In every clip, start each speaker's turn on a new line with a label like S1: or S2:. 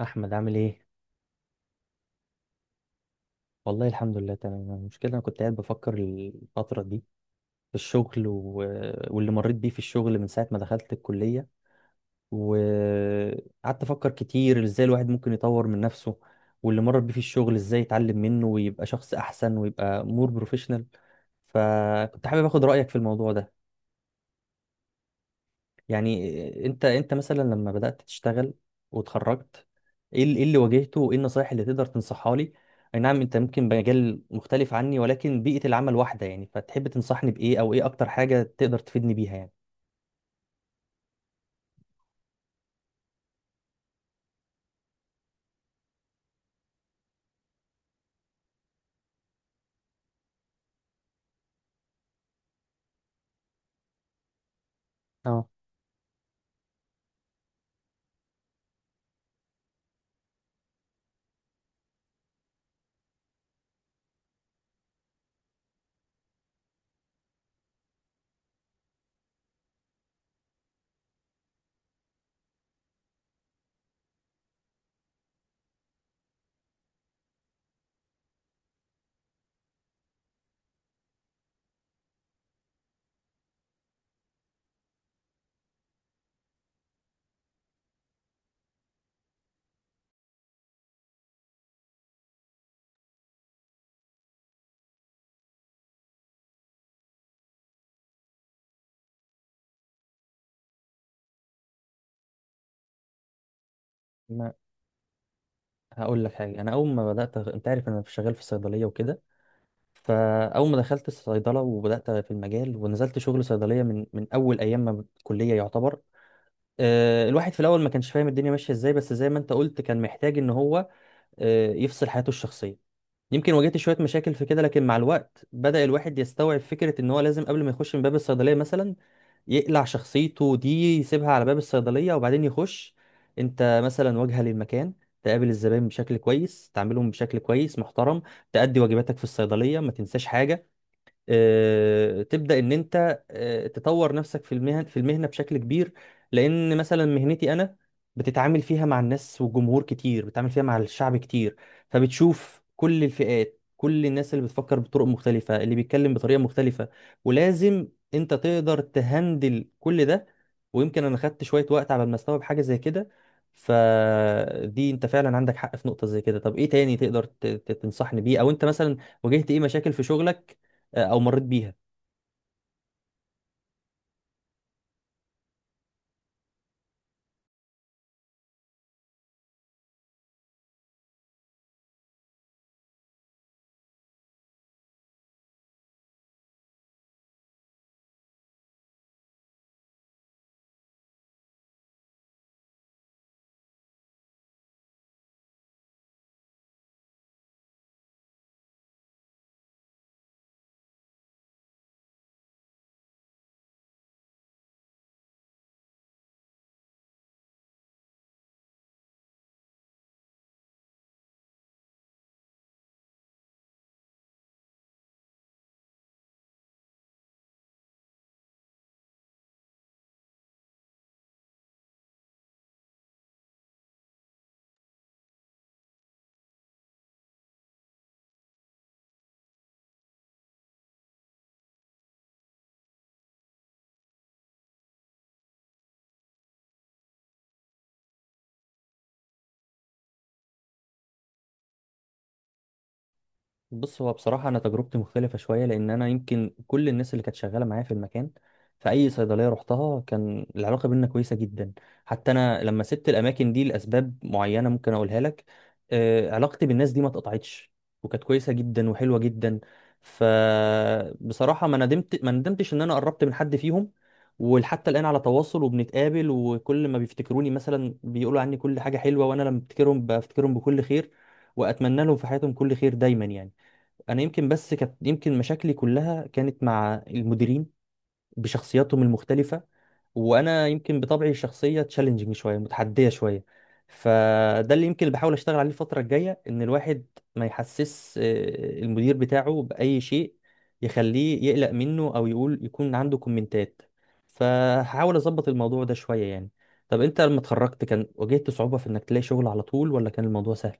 S1: احمد عامل ايه؟ والله الحمد لله تمام. المشكله انا كنت قاعد بفكر الفتره دي في الشغل واللي مريت بيه في الشغل من ساعه ما دخلت الكليه، وقعدت افكر كتير ازاي الواحد ممكن يطور من نفسه، واللي مر بيه في الشغل ازاي يتعلم منه ويبقى شخص احسن ويبقى مور بروفيشنال. فكنت حابب اخد رايك في الموضوع ده. يعني انت مثلا لما بدأت تشتغل واتخرجت، إيه اللي واجهته وايه النصايح اللي تقدر تنصحها لي؟ اي نعم انت ممكن بمجال مختلف عني، ولكن بيئة العمل واحدة، يعني فتحب تنصحني بايه او ايه اكتر حاجة تقدر تفيدني بيها يعني؟ اه، ما هقول لك حاجه. انا اول ما بدات، انت عارف انا شغال في الصيدليه وكده، فاول ما دخلت الصيدله وبدات في المجال ونزلت شغل صيدليه من اول ايام ما ب- الكليه يعتبر. الواحد في الاول ما كانش فاهم الدنيا ماشيه ازاي، بس زي ما انت قلت كان محتاج ان هو يفصل حياته الشخصية. يمكن واجهت شوية مشاكل في كده، لكن مع الوقت بدأ الواحد يستوعب فكرة إن هو لازم قبل ما يخش من باب الصيدلية مثلا يقلع شخصيته دي، يسيبها على باب الصيدلية وبعدين يخش. أنت مثلا واجهة للمكان، تقابل الزبائن بشكل كويس، تعاملهم بشكل كويس محترم، تأدي واجباتك في الصيدلية ما تنساش حاجة. تبدا ان انت تطور نفسك في المهنه بشكل كبير، لان مثلا مهنتي انا بتتعامل فيها مع الناس وجمهور كتير، بتتعامل فيها مع الشعب كتير. فبتشوف كل الفئات، كل الناس اللي بتفكر بطرق مختلفه، اللي بيتكلم بطريقه مختلفه، ولازم انت تقدر تهندل كل ده. ويمكن انا خدت شويه وقت على ما استوعب حاجه زي كده. فدي انت فعلا عندك حق في نقطه زي كده. طب ايه تاني تقدر تنصحني بيه، او انت مثلا واجهت ايه مشاكل في شغلك او مريت بيها؟ بص، هو بصراحة أنا تجربتي مختلفة شوية، لأن أنا يمكن كل الناس اللي كانت شغالة معايا في المكان، في أي صيدلية رحتها كان العلاقة بينا كويسة جدا. حتى أنا لما سبت الأماكن دي لأسباب معينة ممكن أقولها لك، علاقتي بالناس دي ما اتقطعتش، وكانت كويسة جدا وحلوة جدا. فبصراحة ما ندمتش إن أنا قربت من حد فيهم، ولحتى الآن على تواصل وبنتقابل. وكل ما بيفتكروني مثلا بيقولوا عني كل حاجة حلوة، وأنا لما بفتكرهم بفتكرهم بكل خير، وأتمنى لهم في حياتهم كل خير دايما يعني. انا يمكن بس كانت يمكن مشاكلي كلها كانت مع المديرين بشخصياتهم المختلفه، وانا يمكن بطبعي الشخصيه تشالنجينج شويه، متحديه شويه. فده اللي يمكن اللي بحاول اشتغل عليه الفتره الجايه، ان الواحد ما يحسس المدير بتاعه باي شيء يخليه يقلق منه، او يقول يكون عنده كومنتات. فهحاول اظبط الموضوع ده شويه يعني. طب انت لما اتخرجت كان واجهت صعوبه في انك تلاقي شغل على طول، ولا كان الموضوع سهل؟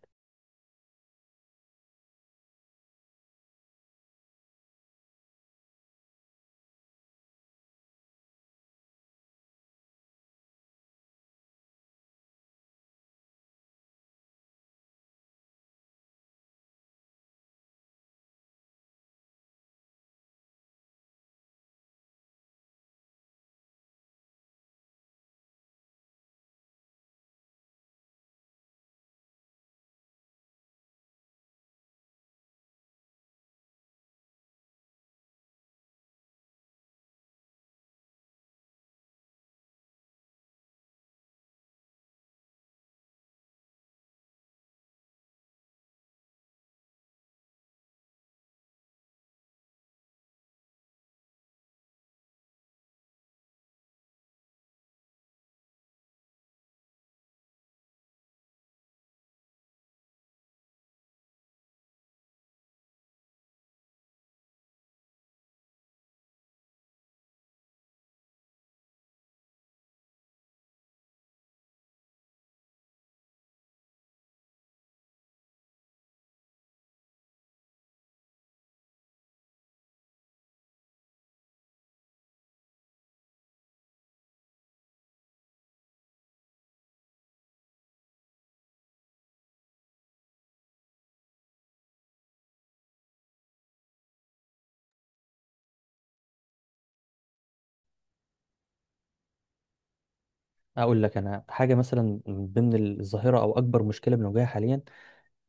S1: اقول لك انا حاجه، مثلا من ضمن الظاهره او اكبر مشكله بنواجهها حاليا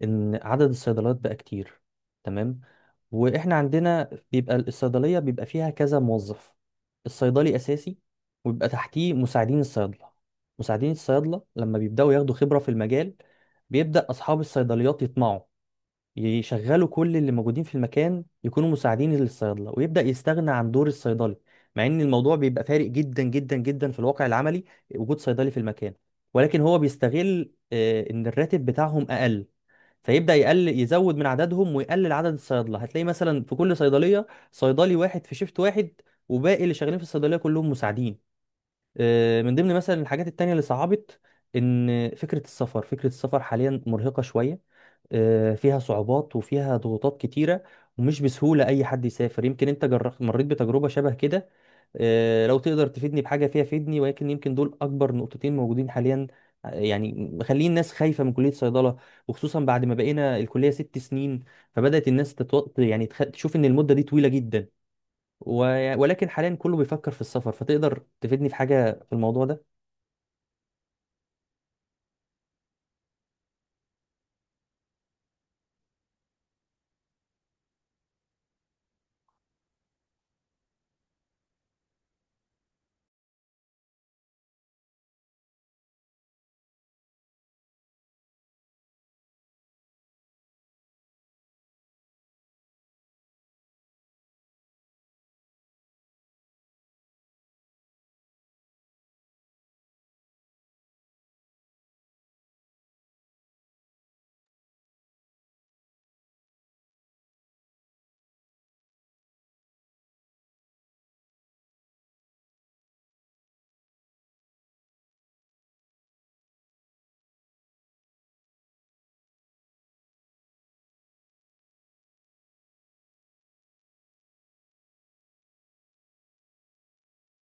S1: ان عدد الصيدليات بقى كتير. تمام؟ واحنا عندنا بيبقى الصيدليه بيبقى فيها كذا موظف، الصيدلي اساسي، ويبقى تحتيه مساعدين الصيادله. مساعدين الصيادله لما بيبداوا ياخدوا خبره في المجال، بيبدا اصحاب الصيدليات يطمعوا، يشغلوا كل اللي موجودين في المكان يكونوا مساعدين للصيادله، ويبدا يستغنى عن دور الصيدلي، مع ان الموضوع بيبقى فارق جدا جدا جدا في الواقع العملي وجود صيدلي في المكان. ولكن هو بيستغل ان الراتب بتاعهم اقل، فيبدا يقل، يزود من عددهم ويقلل عدد الصيادله. هتلاقي مثلا في كل صيدليه صيدلي واحد في شيفت واحد، وباقي اللي شغالين في الصيدليه كلهم مساعدين. من ضمن مثلا الحاجات التانية اللي صعبت ان فكرة السفر، حاليا مرهقة شوية، فيها صعوبات وفيها ضغوطات كتيرة، ومش بسهولة اي حد يسافر. يمكن انت جربت، مريت بتجربة شبه كده، لو تقدر تفيدني بحاجة فيها فيدني. ولكن يمكن دول اكبر نقطتين موجودين حاليا، يعني مخلين الناس خايفة من كلية صيدلة، وخصوصا بعد ما بقينا الكلية ست سنين. فبدأت الناس تتوط، يعني تشوف ان المدة دي طويلة جدا. ولكن حاليا كله بيفكر في السفر، فتقدر تفيدني في حاجة في الموضوع ده؟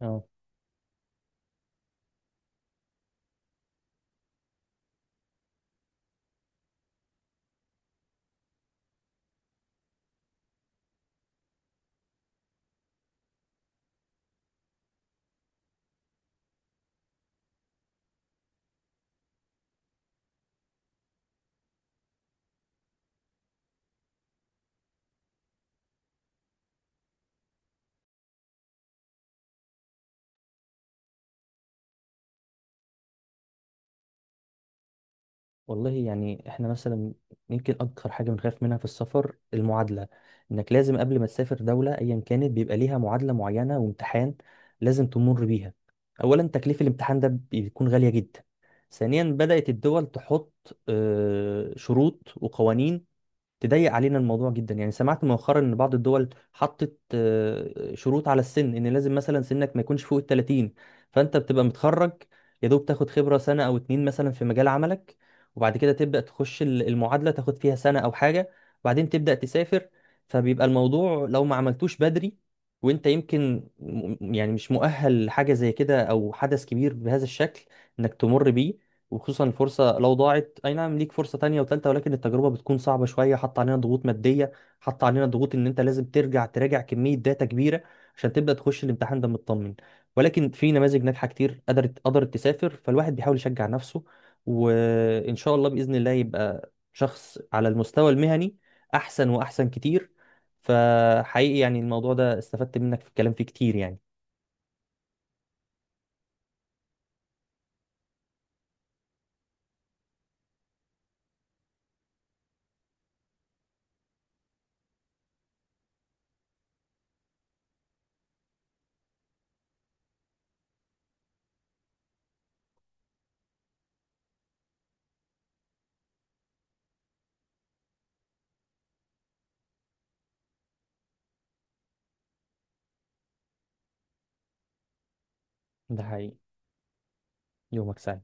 S1: اه، والله يعني احنا مثلا يمكن اكتر حاجة بنخاف منها في السفر المعادلة. انك لازم قبل ما تسافر دولة ايا كانت بيبقى ليها معادلة معينة وامتحان لازم تمر بيها. اولا، تكليف الامتحان ده بيكون غالية جدا. ثانيا، بدأت الدول تحط شروط وقوانين تضيق علينا الموضوع جدا. يعني سمعت مؤخرا ان بعض الدول حطت شروط على السن، ان لازم مثلا سنك ما يكونش فوق ال 30. فانت بتبقى متخرج، يا دوب تاخد خبرة سنة او اتنين مثلا في مجال عملك، وبعد كده تبدأ تخش المعادلة، تاخد فيها سنة او حاجة، وبعدين تبدأ تسافر. فبيبقى الموضوع لو ما عملتوش بدري، وانت يمكن يعني مش مؤهل لحاجة زي كده، او حدث كبير بهذا الشكل انك تمر بيه. وخصوصا الفرصة لو ضاعت، أي نعم ليك فرصة تانية وتالتة، ولكن التجربة بتكون صعبة شوية. حط علينا ضغوط مادية، حط علينا ضغوط إن أنت لازم ترجع تراجع كمية داتا كبيرة عشان تبدأ تخش الامتحان ده مطمن. ولكن في نماذج ناجحة كتير قدرت تسافر، فالواحد بيحاول يشجع نفسه، وإن شاء الله بإذن الله يبقى شخص على المستوى المهني أحسن وأحسن كتير. فحقيقي يعني الموضوع ده استفدت منك في الكلام فيه كتير يعني. ده حقيقي. يومك سعيد.